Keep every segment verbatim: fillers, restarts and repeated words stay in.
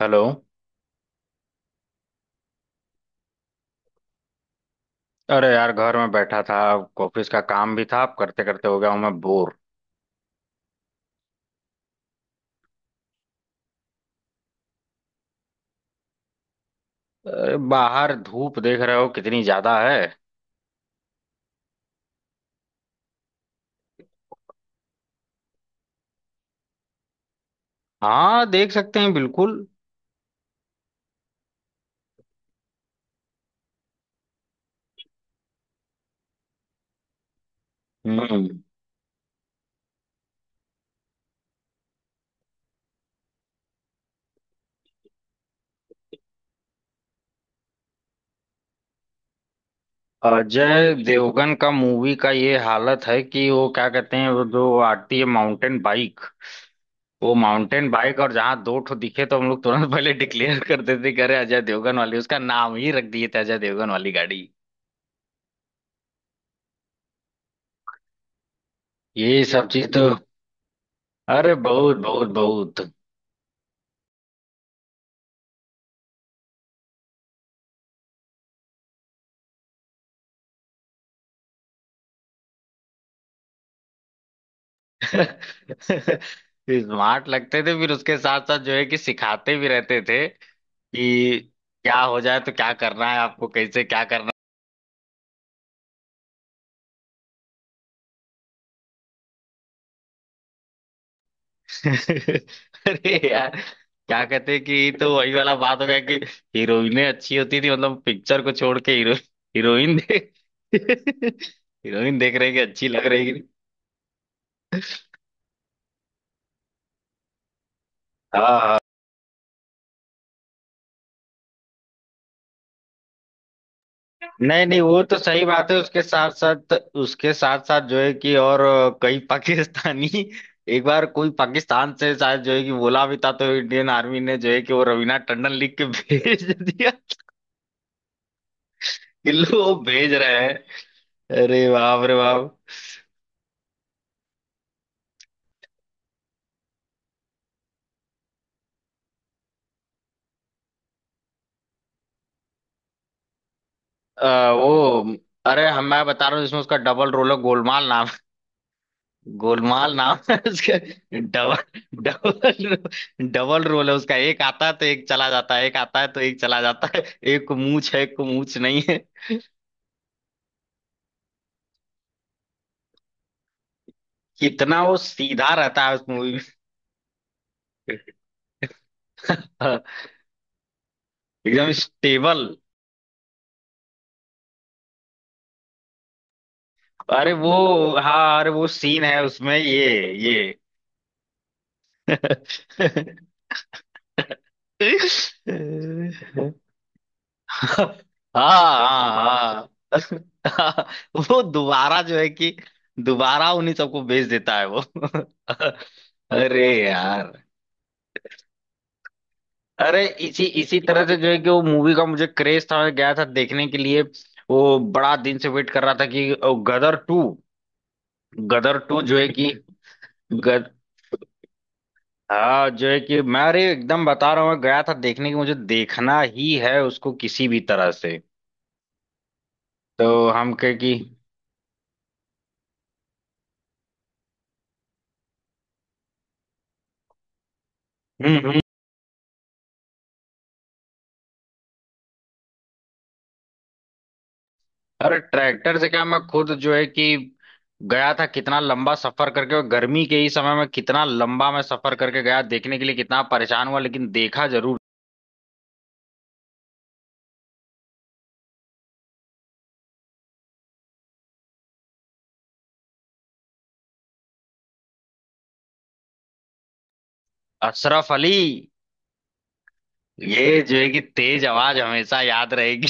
Hello. अरे यार, घर में बैठा था। ऑफिस का काम भी था, अब करते करते हो गया हूं मैं बोर। अरे बाहर धूप देख रहे हो कितनी ज्यादा है। हाँ, देख सकते हैं बिल्कुल। हम्म। अजय देवगन का मूवी का ये हालत है कि वो क्या कहते हैं, वो जो आती है माउंटेन बाइक, वो माउंटेन बाइक, और जहाँ दो ठो दिखे तो हम लोग तुरंत पहले डिक्लेयर कर देते कि अरे अजय देवगन वाली, उसका नाम ही रख दिए थे अजय देवगन वाली गाड़ी। ये सब चीज तो, अरे बहुत बहुत बहुत। स्मार्ट लगते थे, फिर उसके साथ साथ जो है कि सिखाते भी रहते थे कि क्या हो जाए तो क्या करना है आपको, कैसे क्या करना है। अरे यार, क्या कहते हैं कि ये तो वही वाला बात हो गया कि हीरोइनें अच्छी होती थी, मतलब पिक्चर को छोड़ के हीरो हीरोइन दे, हीरोइन देख रही कि अच्छी लग रही कि- हाँ हाँ। नहीं नहीं, वो तो सही बात है, उसके साथ साथ उसके साथ साथ जो है कि, और कई पाकिस्तानी। एक बार कोई पाकिस्तान से शायद जो है कि बोला भी था, तो इंडियन आर्मी ने जो है कि वो रवीना टंडन लिख के भेज दिया कि लो वो भेज रहे हैं। अरे बाप रे बाप। अ, वो, अरे हम मैं बता रहा हूँ, इसमें उसका डबल रोल है, गोलमाल नाम है। गोलमाल नाम है उसका। डबल डबल डबल रोल है उसका। एक आता है तो एक चला जाता है, एक आता है तो एक चला जाता है। एक को मूछ है, एक को मूछ नहीं। इतना वो सीधा रहता है उस मूवी में। एकदम स्टेबल। अरे वो, हाँ अरे वो सीन है उसमें ये ये हाँ हाँ हाँ। वो दोबारा जो है कि दोबारा उन्हीं सबको भेज देता है वो। अरे यार। अरे इसी इसी तरह से जो है कि वो मूवी का मुझे क्रेज था, मैं गया था देखने के लिए। वो बड़ा दिन से वेट कर रहा था कि गदर टू, गदर टू जो है कि गद हाँ जो है कि मैं अरे एकदम बता रहा हूँ, मैं गया था देखने की, मुझे देखना ही है उसको किसी भी तरह से। तो हम कहे कि, हम्म हम्म। अरे ट्रैक्टर से क्या, मैं खुद जो है कि गया था, कितना लंबा सफर करके, और गर्मी के ही समय में कितना लंबा मैं सफर करके गया देखने के लिए, कितना परेशान हुआ लेकिन देखा जरूर। अशरफ अली, ये जो है कि तेज आवाज हमेशा याद रहेगी।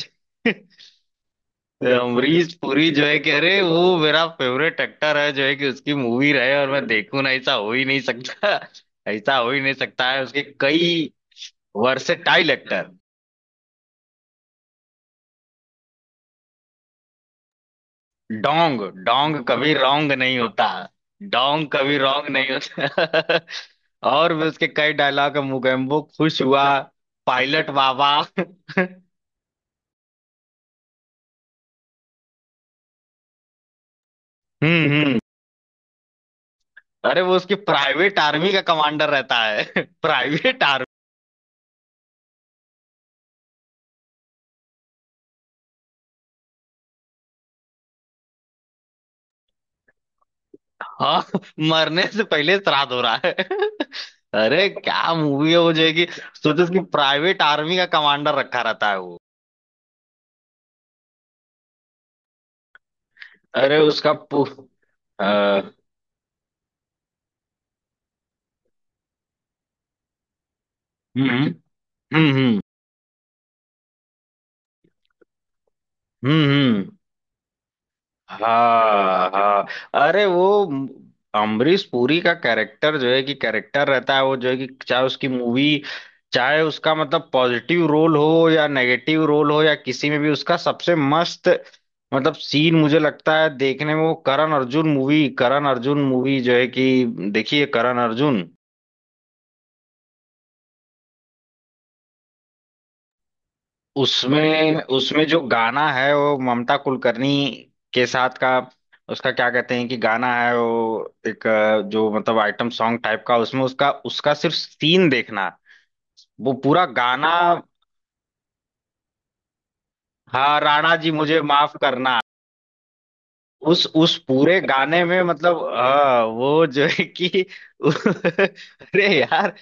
तो अमरीश पुरी जो है कि, अरे वो मेरा फेवरेट एक्टर है जो है कि, उसकी मूवी रहे और मैं देखूं ना, ऐसा हो ही नहीं सकता। ऐसा हो ही नहीं सकता है, उसके कई वर्सेटाइल एक्टर। डोंग डोंग कभी रॉन्ग नहीं होता। डोंग कभी रॉन्ग नहीं होता। और भी उसके कई डायलॉग है, मुगेम्बो खुश हुआ, पायलट बाबा। हम्म हम्म। अरे वो उसकी प्राइवेट आर्मी का कमांडर रहता है। Private army. हाँ, मरने से पहले श्राद्ध हो रहा है। अरे क्या मूवी है वो, जो है कि सोचो उसकी प्राइवेट आर्मी का कमांडर रखा रहता है वो। अरे उसका पु- अ, हम्म हम्म। हम्म हम्म, हाँ हाँ। अरे वो अमरीश पुरी का कैरेक्टर जो है कि कैरेक्टर रहता है वो जो है कि, चाहे उसकी मूवी, चाहे उसका मतलब पॉजिटिव रोल हो या नेगेटिव रोल हो या किसी में भी, उसका सबसे मस्त मतलब सीन मुझे लगता है देखने में वो करण अर्जुन मूवी, करण अर्जुन मूवी जो है कि, देखिए करण अर्जुन। उसमें उसमें जो गाना है वो ममता कुलकर्णी के साथ का, उसका क्या कहते हैं कि गाना है वो एक, अ, जो मतलब आइटम सॉन्ग टाइप का, उसमें उसका उसका सिर्फ सीन देखना, वो पूरा गाना। हाँ राणा जी मुझे माफ करना। उस उस पूरे गाने में मतलब, हाँ वो जो है कि, अरे यार,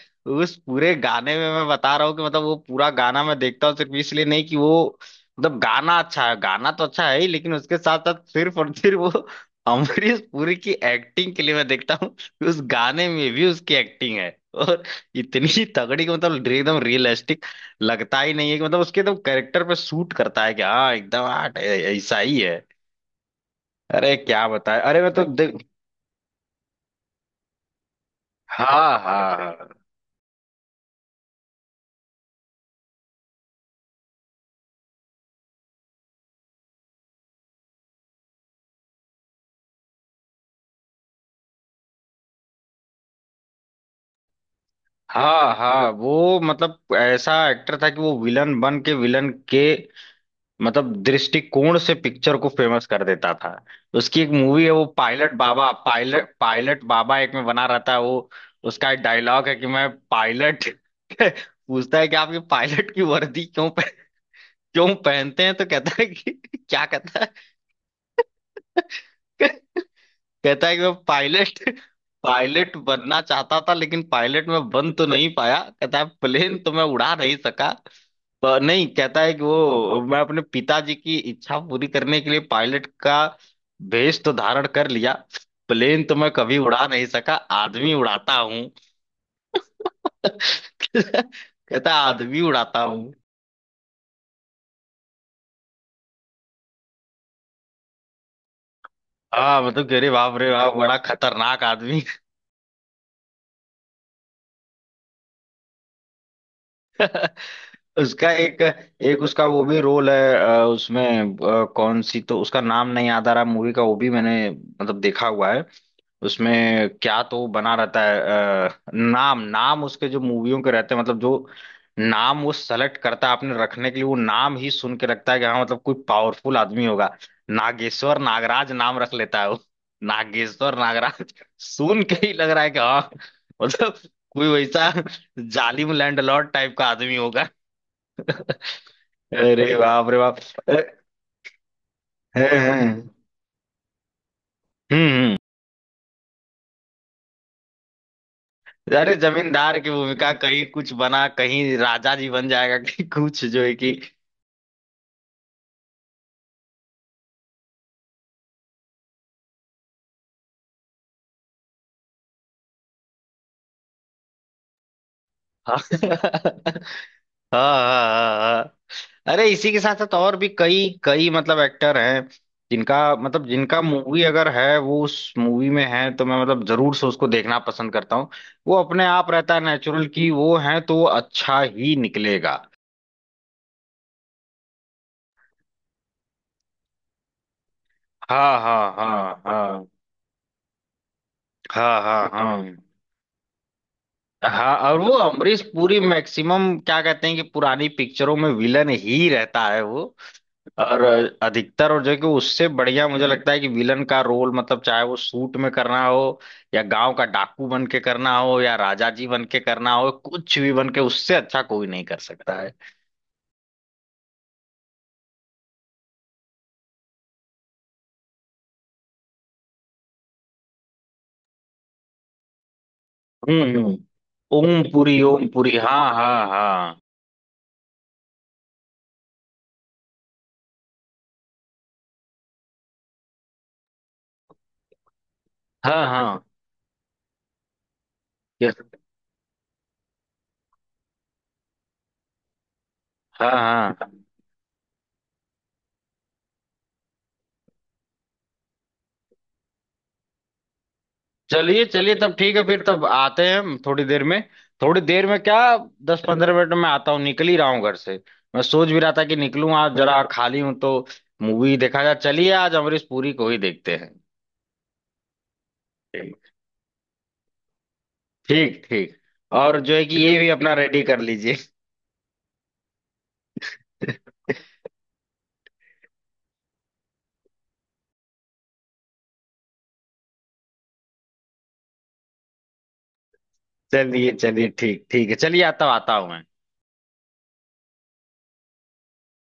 उस पूरे गाने में मैं बता रहा हूँ कि मतलब वो पूरा गाना मैं देखता हूँ, सिर्फ इसलिए नहीं कि वो मतलब गाना अच्छा है, गाना तो अच्छा है ही, लेकिन उसके साथ साथ सिर्फ और सिर्फ वो अमरीश पुरी की एक्टिंग के लिए मैं देखता हूँ, कि उस गाने में भी उसकी एक्टिंग है, और इतनी तगड़ी कि मतलब एकदम रियलिस्टिक, लगता ही नहीं है कि मतलब उसके एकदम कैरेक्टर पे सूट करता है, कि हाँ एकदम, हाँ, ऐसा ही। अरे क्या बताए, अरे मैं तो देख, हाँ हाँ हाँ हाँ। वो मतलब ऐसा एक्टर था कि वो विलन बन के विलन के मतलब दृष्टिकोण से पिक्चर को फेमस कर देता था। उसकी एक मूवी है वो pilot Baba, pilot pilot Baba एक में बना रहता है वो। उसका एक डायलॉग है कि मैं पायलट, पूछता है कि आप ये पायलट की वर्दी क्यों पह, क्यों पहनते हैं तो कहता है कि, क्या कहता है, कहता है कि मैं पायलट पायलट बनना चाहता था लेकिन पायलट में बन तो नहीं पाया, कहता है प्लेन तो मैं उड़ा नहीं सका, पर नहीं कहता है कि वो, मैं अपने पिताजी की इच्छा पूरी करने के लिए पायलट का भेष तो धारण कर लिया, प्लेन तो मैं कभी उड़ा नहीं सका, आदमी उड़ाता हूँ। कहता है, आदमी उड़ाता हूँ। हाँ मतलब कि, अरे बाप रे बाप, बड़ा खतरनाक आदमी। उसका एक एक उसका वो भी रोल है, अ, उसमें अ, कौन सी तो उसका नाम नहीं याद आ रहा मूवी का, वो भी मैंने मतलब देखा हुआ है। उसमें क्या तो बना रहता है। अ, नाम नाम उसके जो मूवियों के रहते हैं, मतलब जो नाम वो सेलेक्ट करता है अपने रखने के लिए, वो नाम ही सुन के रखता है कि हाँ मतलब कोई पावरफुल आदमी होगा। नागेश्वर नागराज नाम रख लेता है वो। नागेश्वर नागराज सुन के ही लग रहा है कि हाँ, मतलब कोई वैसा जालिम लैंडलॉर्ड टाइप का आदमी होगा। अरे बाप रे बाप। अ- हम्म हम्म। अरे जमींदार की भूमिका कहीं कुछ बना, कहीं राजा जी बन जाएगा, कहीं कुछ जो है कि। हाँ हाँ हाँ हाँ। अरे इसी के साथ साथ और भी कई कई मतलब एक्टर हैं, जिनका मतलब जिनका मूवी अगर है वो उस मूवी में है, तो मैं मतलब जरूर से उसको देखना पसंद करता हूँ। वो अपने आप रहता है नेचुरल, कि वो है तो वो अच्छा ही निकलेगा। हाँ हाँ हाँ हाँ। हाँ हाँ हाँ हाँ। और वो अमरीश पूरी मैक्सिमम क्या कहते हैं कि पुरानी पिक्चरों में विलन ही रहता है वो, और अधिकतर। और जो है कि उससे बढ़िया मुझे लगता है कि विलन का रोल, मतलब चाहे वो सूट में करना हो या गांव का डाकू बन के करना हो या राजा जी बन के करना हो, कुछ भी बन के, उससे अच्छा कोई नहीं कर सकता है। हम्म हम्म। ओम पुरी, ओम पुरी, हाँ हाँ हाँ। हाँ हाँ। यस। हाँ हाँ। चलिए चलिए तब ठीक है, फिर तब आते हैं हम थोड़ी देर में, थोड़ी देर में क्या, दस पंद्रह मिनट में आता हूँ, निकल ही रहा हूँ घर से। मैं सोच भी रहा था कि निकलूँ आज, जरा खाली हूँ तो मूवी देखा जाए। चलिए आज अमरीश पुरी को ही देखते हैं। ठीक ठीक। और जो है कि ये भी अपना रेडी कर लीजिए। चलिए चलिए ठीक ठीक है, चलिए आता आता हूँ मैं।